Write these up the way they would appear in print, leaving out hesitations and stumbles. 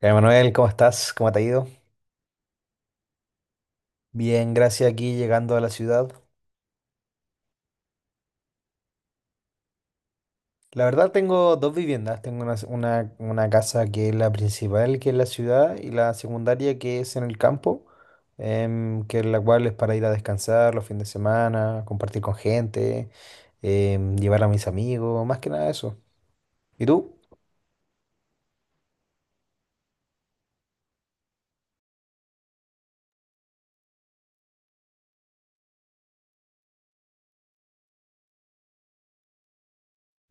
Ya, Manuel, ¿cómo estás? ¿Cómo te ha ido? Bien, gracias, aquí llegando a la ciudad. La verdad, tengo dos viviendas. Tengo una casa que es la principal, que es la ciudad, y la secundaria que es en el campo, que es la cual es para ir a descansar los fines de semana, compartir con gente, llevar a mis amigos, más que nada eso. ¿Y tú?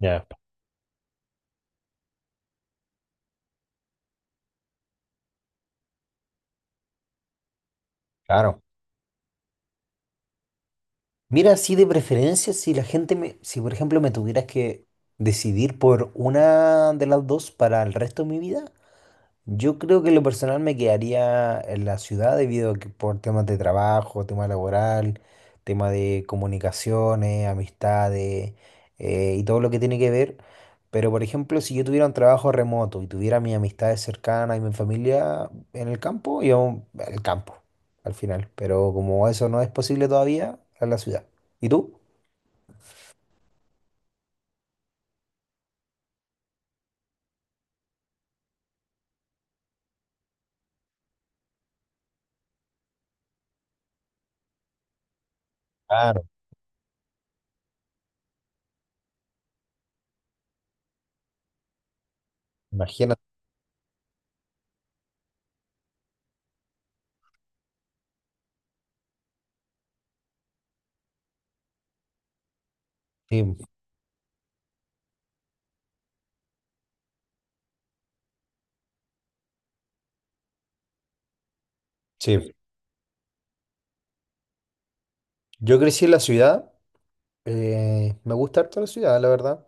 Ya. Claro. Mira, así de preferencia, si la gente me, si por ejemplo me tuvieras que decidir por una de las dos para el resto de mi vida. Yo creo que en lo personal me quedaría en la ciudad debido a que por temas de trabajo, tema laboral, tema de comunicaciones, amistades, y todo lo que tiene que ver. Pero, por ejemplo, si yo tuviera un trabajo remoto y tuviera mis amistades cercanas y mi familia en el campo, yo al campo al final. Pero como eso no es posible todavía, a la ciudad. ¿Y tú? Claro, imagínate. Sí, sí. Yo crecí en la ciudad, me gusta harto la ciudad, la verdad.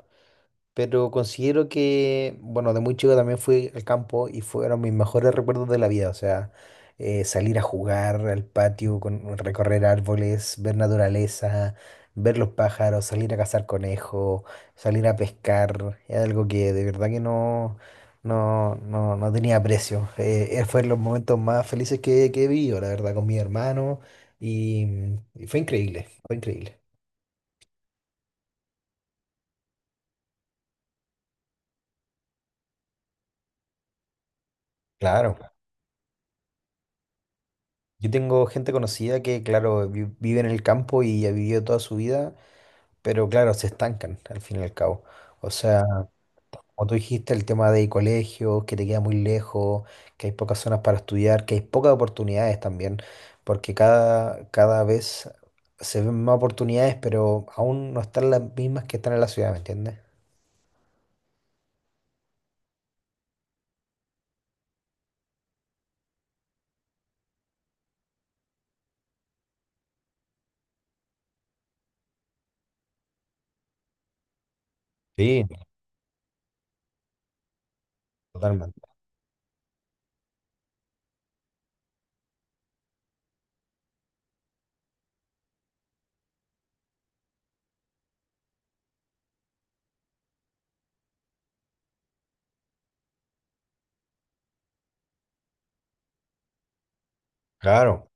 Pero considero que, bueno, de muy chico también fui al campo y fueron mis mejores recuerdos de la vida. O sea, salir a jugar al patio, con, recorrer árboles, ver naturaleza, ver los pájaros, salir a cazar conejos, salir a pescar. Es algo que de verdad que no tenía precio. Fue los momentos más felices que he vivido, la verdad, con mi hermano. Y, y fue increíble, fue increíble. Claro. Yo tengo gente conocida que, claro, vive en el campo y ha vivido toda su vida, pero claro, se estancan al fin y al cabo. O sea, como tú dijiste, el tema de colegios, que te queda muy lejos, que hay pocas zonas para estudiar, que hay pocas oportunidades también, porque cada, cada vez se ven más oportunidades, pero aún no están las mismas que están en la ciudad, ¿me entiendes? Sí, totalmente. Claro,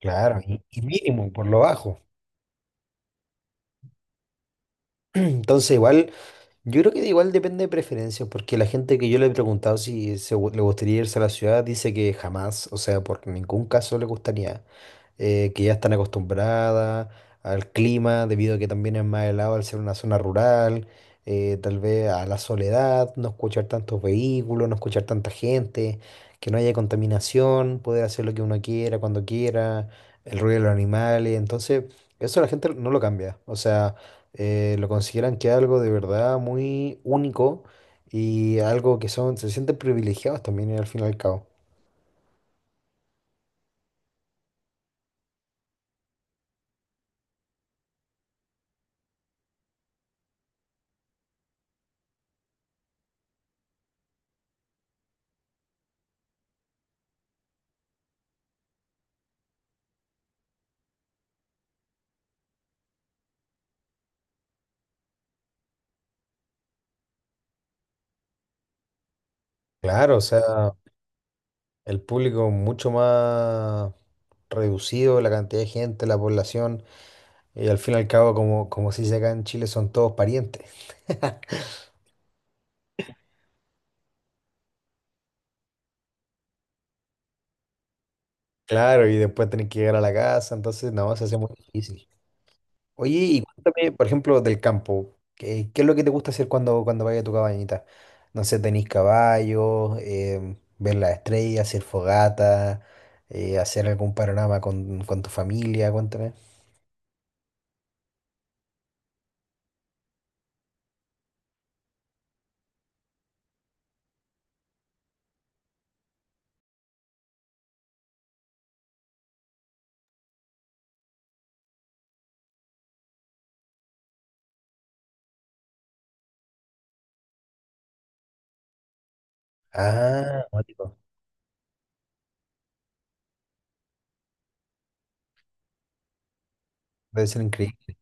claro, y mínimo, por lo bajo. Entonces, igual. Yo creo que igual depende de preferencias, porque la gente que yo le he preguntado si le gustaría irse a la ciudad dice que jamás, o sea, por ningún caso le gustaría, que ya están acostumbradas al clima, debido a que también es más helado al ser una zona rural, tal vez a la soledad, no escuchar tantos vehículos, no escuchar tanta gente, que no haya contaminación, poder hacer lo que uno quiera, cuando quiera, el ruido de los animales, entonces eso la gente no lo cambia, o sea, lo consideran que es algo de verdad muy único y algo que son, se sienten privilegiados también, al fin y al cabo. Claro, o sea, el público mucho más reducido, la cantidad de gente, la población, y al fin y al cabo, como, como se dice acá en Chile, son todos parientes. Claro, y después tenés que llegar a la casa, entonces no, se hace muy difícil. Oye, y cuéntame, por ejemplo, del campo. ¿Qué es lo que te gusta hacer cuando, cuando vayas a tu cabañita? No sé, tenéis caballos, ver las estrellas, hacer fogata, hacer algún panorama con tu familia, cuéntame. Ah, cuático. Debe ser increíble.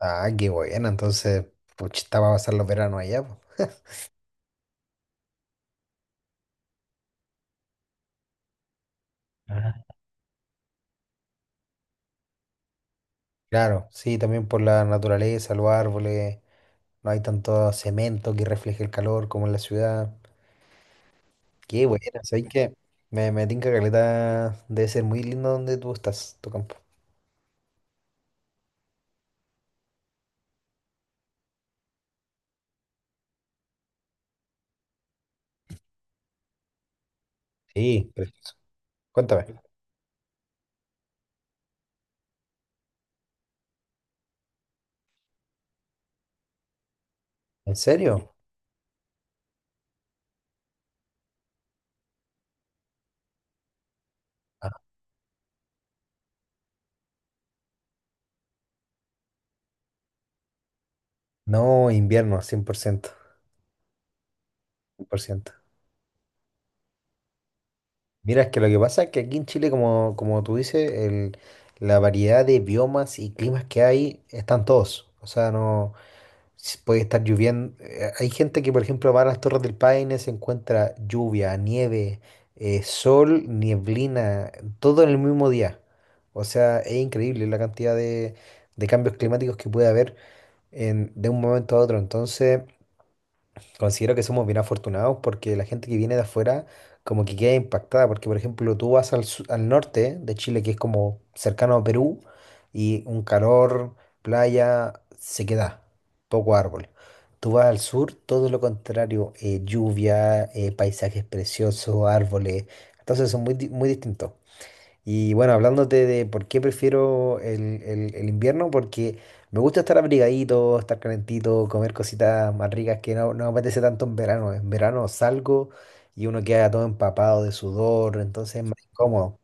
Ah, qué bueno, entonces, pues estaba a pasar los veranos allá, pues. Ajá. Claro, sí, también por la naturaleza, los árboles, no hay tanto cemento que refleje el calor como en la ciudad. Qué bueno, sabes que me tinca caleta. Debe ser muy lindo donde tú estás, tu campo. Sí, precioso. Cuéntame. ¿En serio? Ah, no, invierno, 100%, 100%. Mira, es que lo que pasa es que aquí en Chile, como, como tú dices, la variedad de biomas y climas que hay están todos. O sea, no. Puede estar lloviendo. Hay gente que, por ejemplo, va a las Torres del Paine, se encuentra lluvia, nieve, sol, nieblina, todo en el mismo día. O sea, es increíble la cantidad de cambios climáticos que puede haber de un momento a otro. Entonces, considero que somos bien afortunados porque la gente que viene de afuera como que queda impactada, porque por ejemplo tú vas al, al norte de Chile, que es como cercano a Perú, y un calor, playa, sequedad, poco árbol. Tú vas al sur, todo lo contrario, lluvia, paisajes preciosos, árboles, entonces son muy, muy distintos. Y bueno, hablándote de por qué prefiero el invierno, porque me gusta estar abrigadito, estar calentito, comer cositas más ricas que no me apetece tanto en verano. En verano salgo y uno queda todo empapado de sudor, entonces es más incómodo.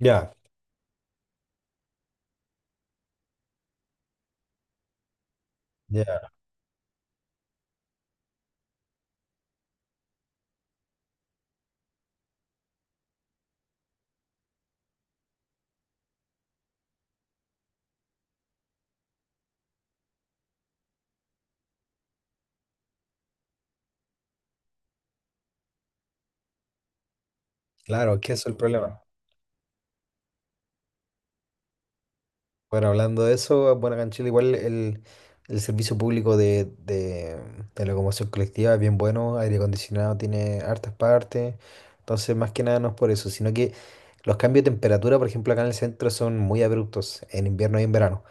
Ya, ya. Claro, es que eso es el problema. Bueno, hablando de eso, bueno, acá en Chile igual el servicio público de locomoción colectiva es bien bueno, aire acondicionado tiene hartas partes, entonces más que nada no es por eso, sino que los cambios de temperatura, por ejemplo, acá en el centro son muy abruptos, en invierno y en verano.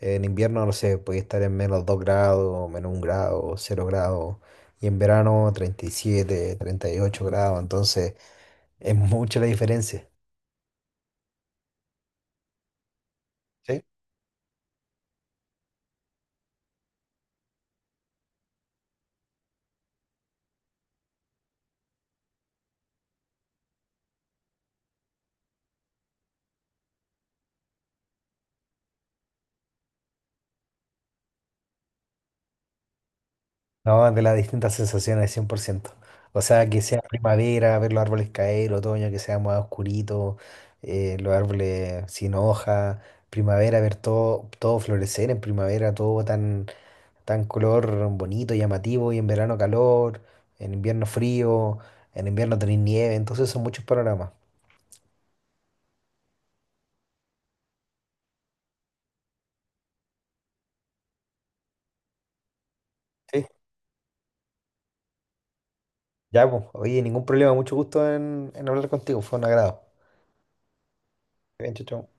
En invierno, no sé, puede estar en -2 grados, -1 grado, 0 grados, y en verano 30 37 38 grados, entonces es mucha la diferencia. ¿Sí? No, de las distintas sensaciones, 100%. O sea, que sea primavera, ver los árboles caer, otoño, que sea más oscurito, los árboles sin hoja, primavera, ver todo, todo florecer en primavera, todo tan, tan color bonito, llamativo, y en verano calor, en invierno frío, en invierno tener nieve, entonces son muchos panoramas. Sí, ya, pues, oye, ningún problema, mucho gusto en hablar contigo, fue un agrado. Bien, chau, chau.